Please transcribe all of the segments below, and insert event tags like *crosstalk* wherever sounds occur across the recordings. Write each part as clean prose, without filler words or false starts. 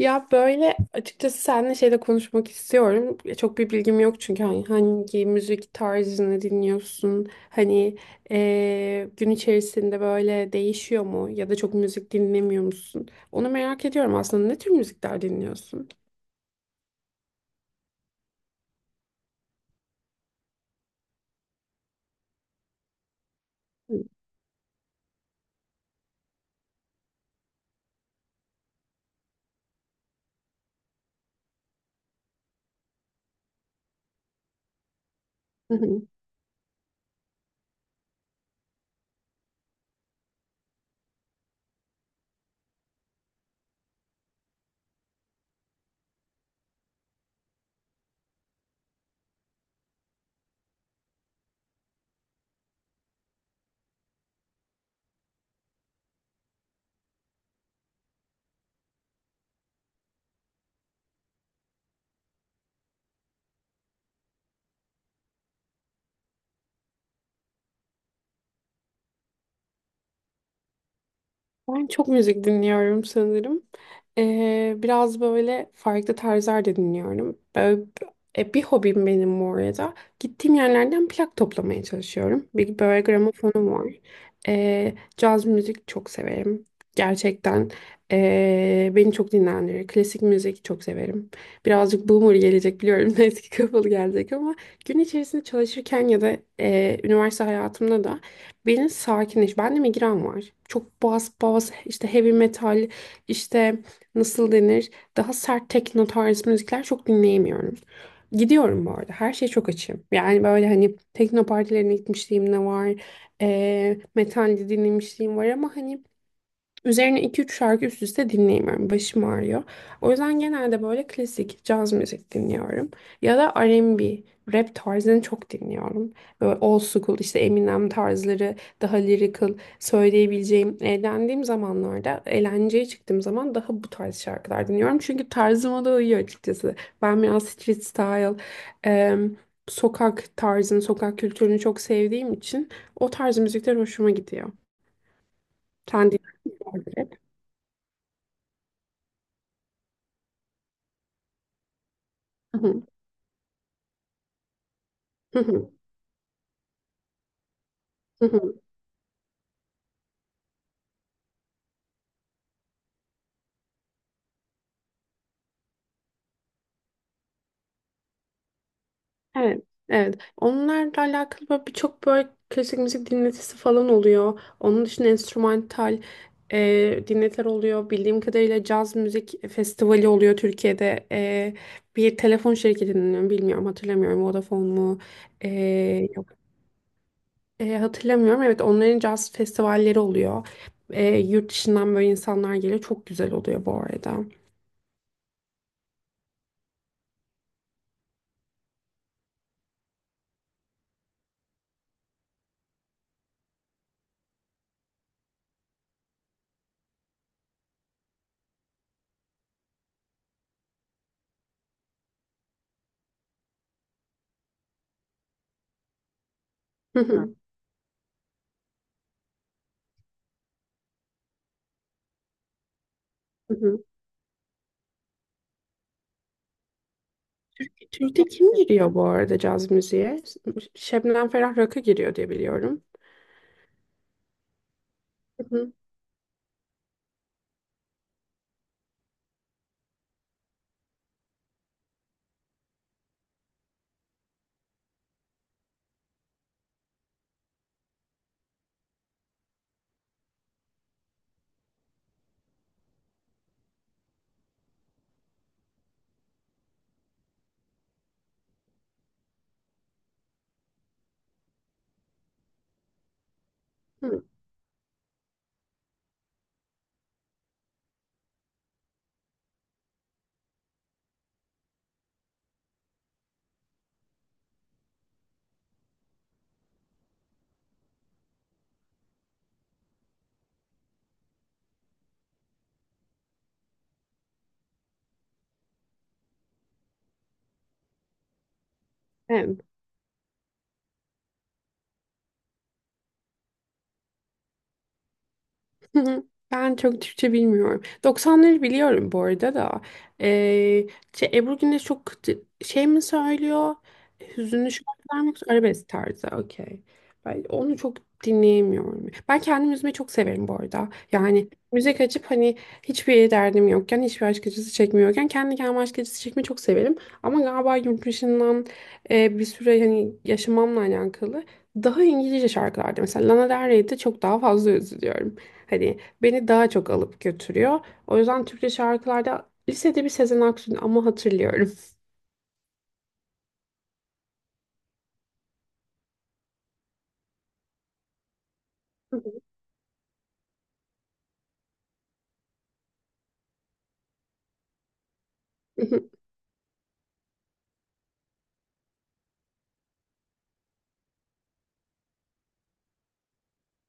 Ya böyle açıkçası seninle şeyde konuşmak istiyorum. Çok bir bilgim yok çünkü hani hangi müzik tarzını dinliyorsun? Hani gün içerisinde böyle değişiyor mu? Ya da çok müzik dinlemiyor musun? Onu merak ediyorum aslında. Ne tür müzikler dinliyorsun? Hı. *laughs* Ben çok müzik dinliyorum sanırım. Biraz böyle farklı tarzlar da dinliyorum. Böyle, bir hobim benim bu arada. Gittiğim yerlerden plak toplamaya çalışıyorum. Bir böyle gramofonum var. Caz müzik çok severim. Gerçekten beni çok dinlendirir. Klasik müzik çok severim. Birazcık boomer gelecek biliyorum. *laughs* Eski kafalı gelecek ama gün içerisinde çalışırken ya da üniversite hayatımda da beni sakinleş. Bende migren var. Çok bas bas işte heavy metal işte nasıl denir, daha sert tekno tarzı müzikler çok dinleyemiyorum. Gidiyorum bu arada. Her şeye çok açığım. Yani böyle hani tekno partilerine gitmişliğim de var. Metal de dinlemişliğim var ama hani üzerine iki üç şarkı üst üste dinleyemiyorum. Başım ağrıyor. O yüzden genelde böyle klasik caz müzik dinliyorum. Ya da R&B, rap tarzını çok dinliyorum. Böyle old school işte Eminem tarzları, daha lyrical söyleyebileceğim. Eğlendiğim zamanlarda, eğlenceye çıktığım zaman daha bu tarz şarkılar dinliyorum. Çünkü tarzıma da uyuyor açıkçası. Ben biraz street style, em, sokak tarzını, sokak kültürünü çok sevdiğim için o tarz müzikler hoşuma gidiyor. Sen dinliyor musun? Hı hı, hı hı. Evet, evet. Onlarla alakalı böyle birçok böyle klasik müzik dinletisi falan oluyor. Onun dışında enstrümantal dinletiler oluyor. Bildiğim kadarıyla caz müzik festivali oluyor Türkiye'de. Bir telefon şirketinin bilmiyorum hatırlamıyorum, Vodafone mu? E, yok. E, hatırlamıyorum. Evet, onların caz festivalleri oluyor. Yurt dışından böyle insanlar geliyor. Çok güzel oluyor bu arada. Hı hı. Türk'te kim giriyor bu arada caz müziğe? Şebnem Ferah Rakı giriyor diye biliyorum. Hı hı. Hı. Evet. Hı hı. Ben çok Türkçe bilmiyorum. Doksanları biliyorum bu arada da. Ee, Şey, Ebru Güneş çok şey mi söylüyor? Hüzünlü şarkılar mı yoksa arabesk tarzı? Okey. Ben onu çok dinleyemiyorum. Ben kendim üzmeyi çok severim bu arada. Yani müzik açıp hani hiçbir derdim yokken, hiçbir aşk acısı çekmiyorken kendi kendime aşk acısı çekmeyi çok severim. Ama galiba yurt dışından bir süre hani yaşamamla alakalı daha İngilizce şarkılarda mesela Lana Del Rey'de çok daha fazla üzülüyorum. Hani beni daha çok alıp götürüyor. O yüzden Türkçe şarkılarda lisede bir Sezen Aksu'nu ama hatırlıyorum. *laughs* Hı hı.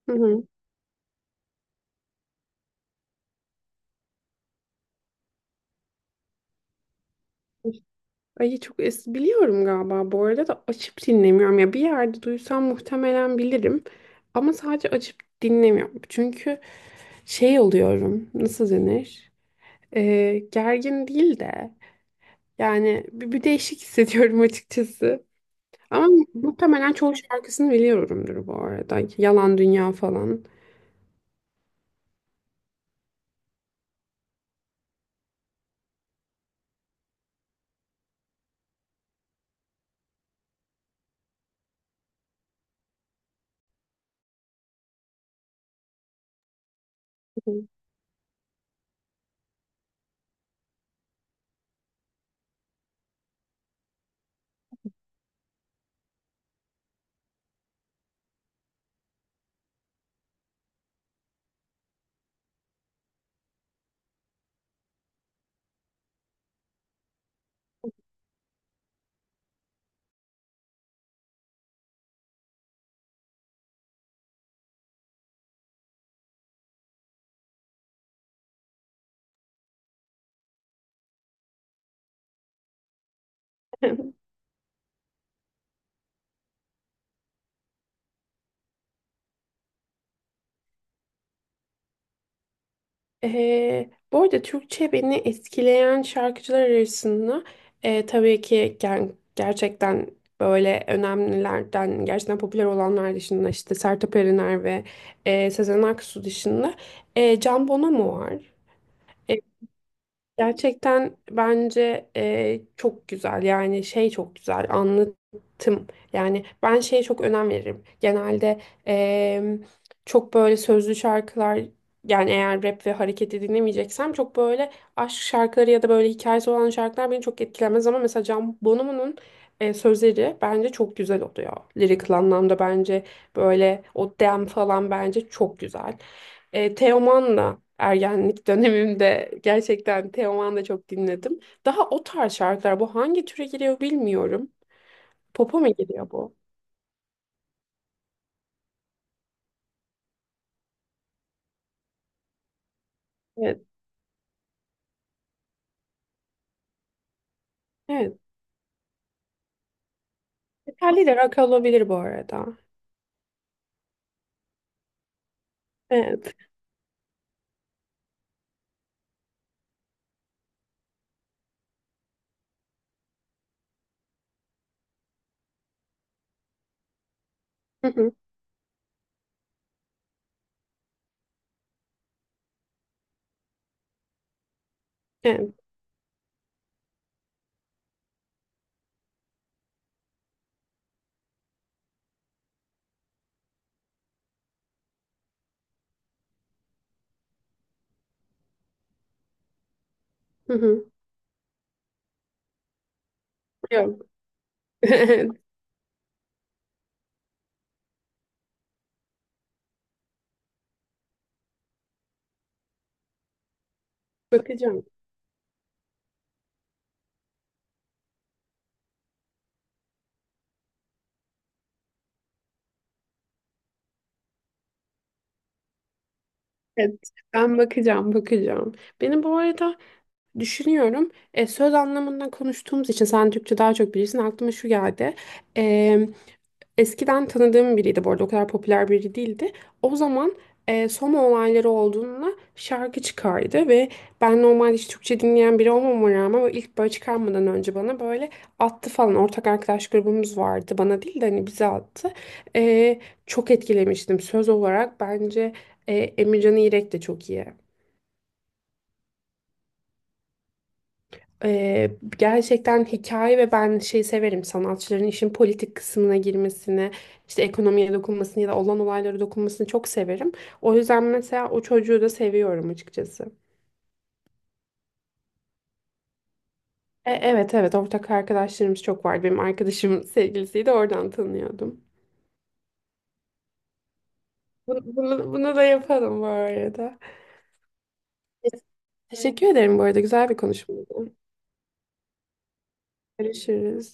Hı hı. Ay çok es biliyorum galiba bu arada da açıp dinlemiyorum, ya bir yerde duysam muhtemelen bilirim ama sadece açıp dinlemiyorum çünkü şey oluyorum, nasıl denir. Gergin değil de yani bir değişik hissediyorum açıkçası, ama muhtemelen çoğu şarkısını biliyorumdur bu arada, yalan dünya falan. *laughs* Bu arada Türkçe beni etkileyen şarkıcılar arasında tabii ki gerçekten böyle önemlilerden, gerçekten popüler olanlar dışında, işte Sertab Erener ve Sezen Aksu dışında Can Bonomo var. E, Gerçekten bence çok güzel, yani şey çok güzel anlatım, yani ben şeye çok önem veririm genelde. e, Çok böyle sözlü şarkılar, yani eğer rap ve hareketi dinlemeyeceksem, çok böyle aşk şarkıları ya da böyle hikayesi olan şarkılar beni çok etkilemez, ama mesela Can Bonomo'nun sözleri bence çok güzel oluyor lirik anlamda, bence böyle o dem falan bence çok güzel. Teoman'la ergenlik *laughs* dönemimde gerçekten Teoman'la çok dinledim. Daha o tarz şarkılar. Bu hangi türe giriyor bilmiyorum. Pop'a mı giriyor bu? Evet. Evet. Metalli de rock olabilir bu arada. Evet. Hı hı. Evet. Hı hı. Yok. *laughs* Evet. Bakacağım. Evet. Ben bakacağım, bakacağım. Benim bu arada düşünüyorum. Söz anlamında konuştuğumuz için sen Türkçe daha çok bilirsin. Aklıma şu geldi. E, Eskiden tanıdığım biriydi bu arada. O kadar popüler biri değildi. O zaman Soma olayları olduğunda şarkı çıkardı ve ben normalde hiç Türkçe dinleyen biri olmama rağmen o ilk böyle çıkarmadan önce bana böyle attı falan. Ortak arkadaş grubumuz vardı. Bana değil de hani bize attı. E, Çok etkilemiştim söz olarak. Bence Emircan İrek de çok iyi. Ee, Gerçekten hikaye, ve ben şey severim sanatçıların işin politik kısmına girmesini, işte ekonomiye dokunmasını ya da olan olaylara dokunmasını çok severim. O yüzden mesela o çocuğu da seviyorum açıkçası. Evet evet, ortak arkadaşlarımız çok vardı. Benim arkadaşımın *laughs* sevgilisiydi, oradan tanıyordum. Bunu da yapalım bu arada. Teşekkür ederim bu arada, güzel bir konuşmaydı. Görüşürüz.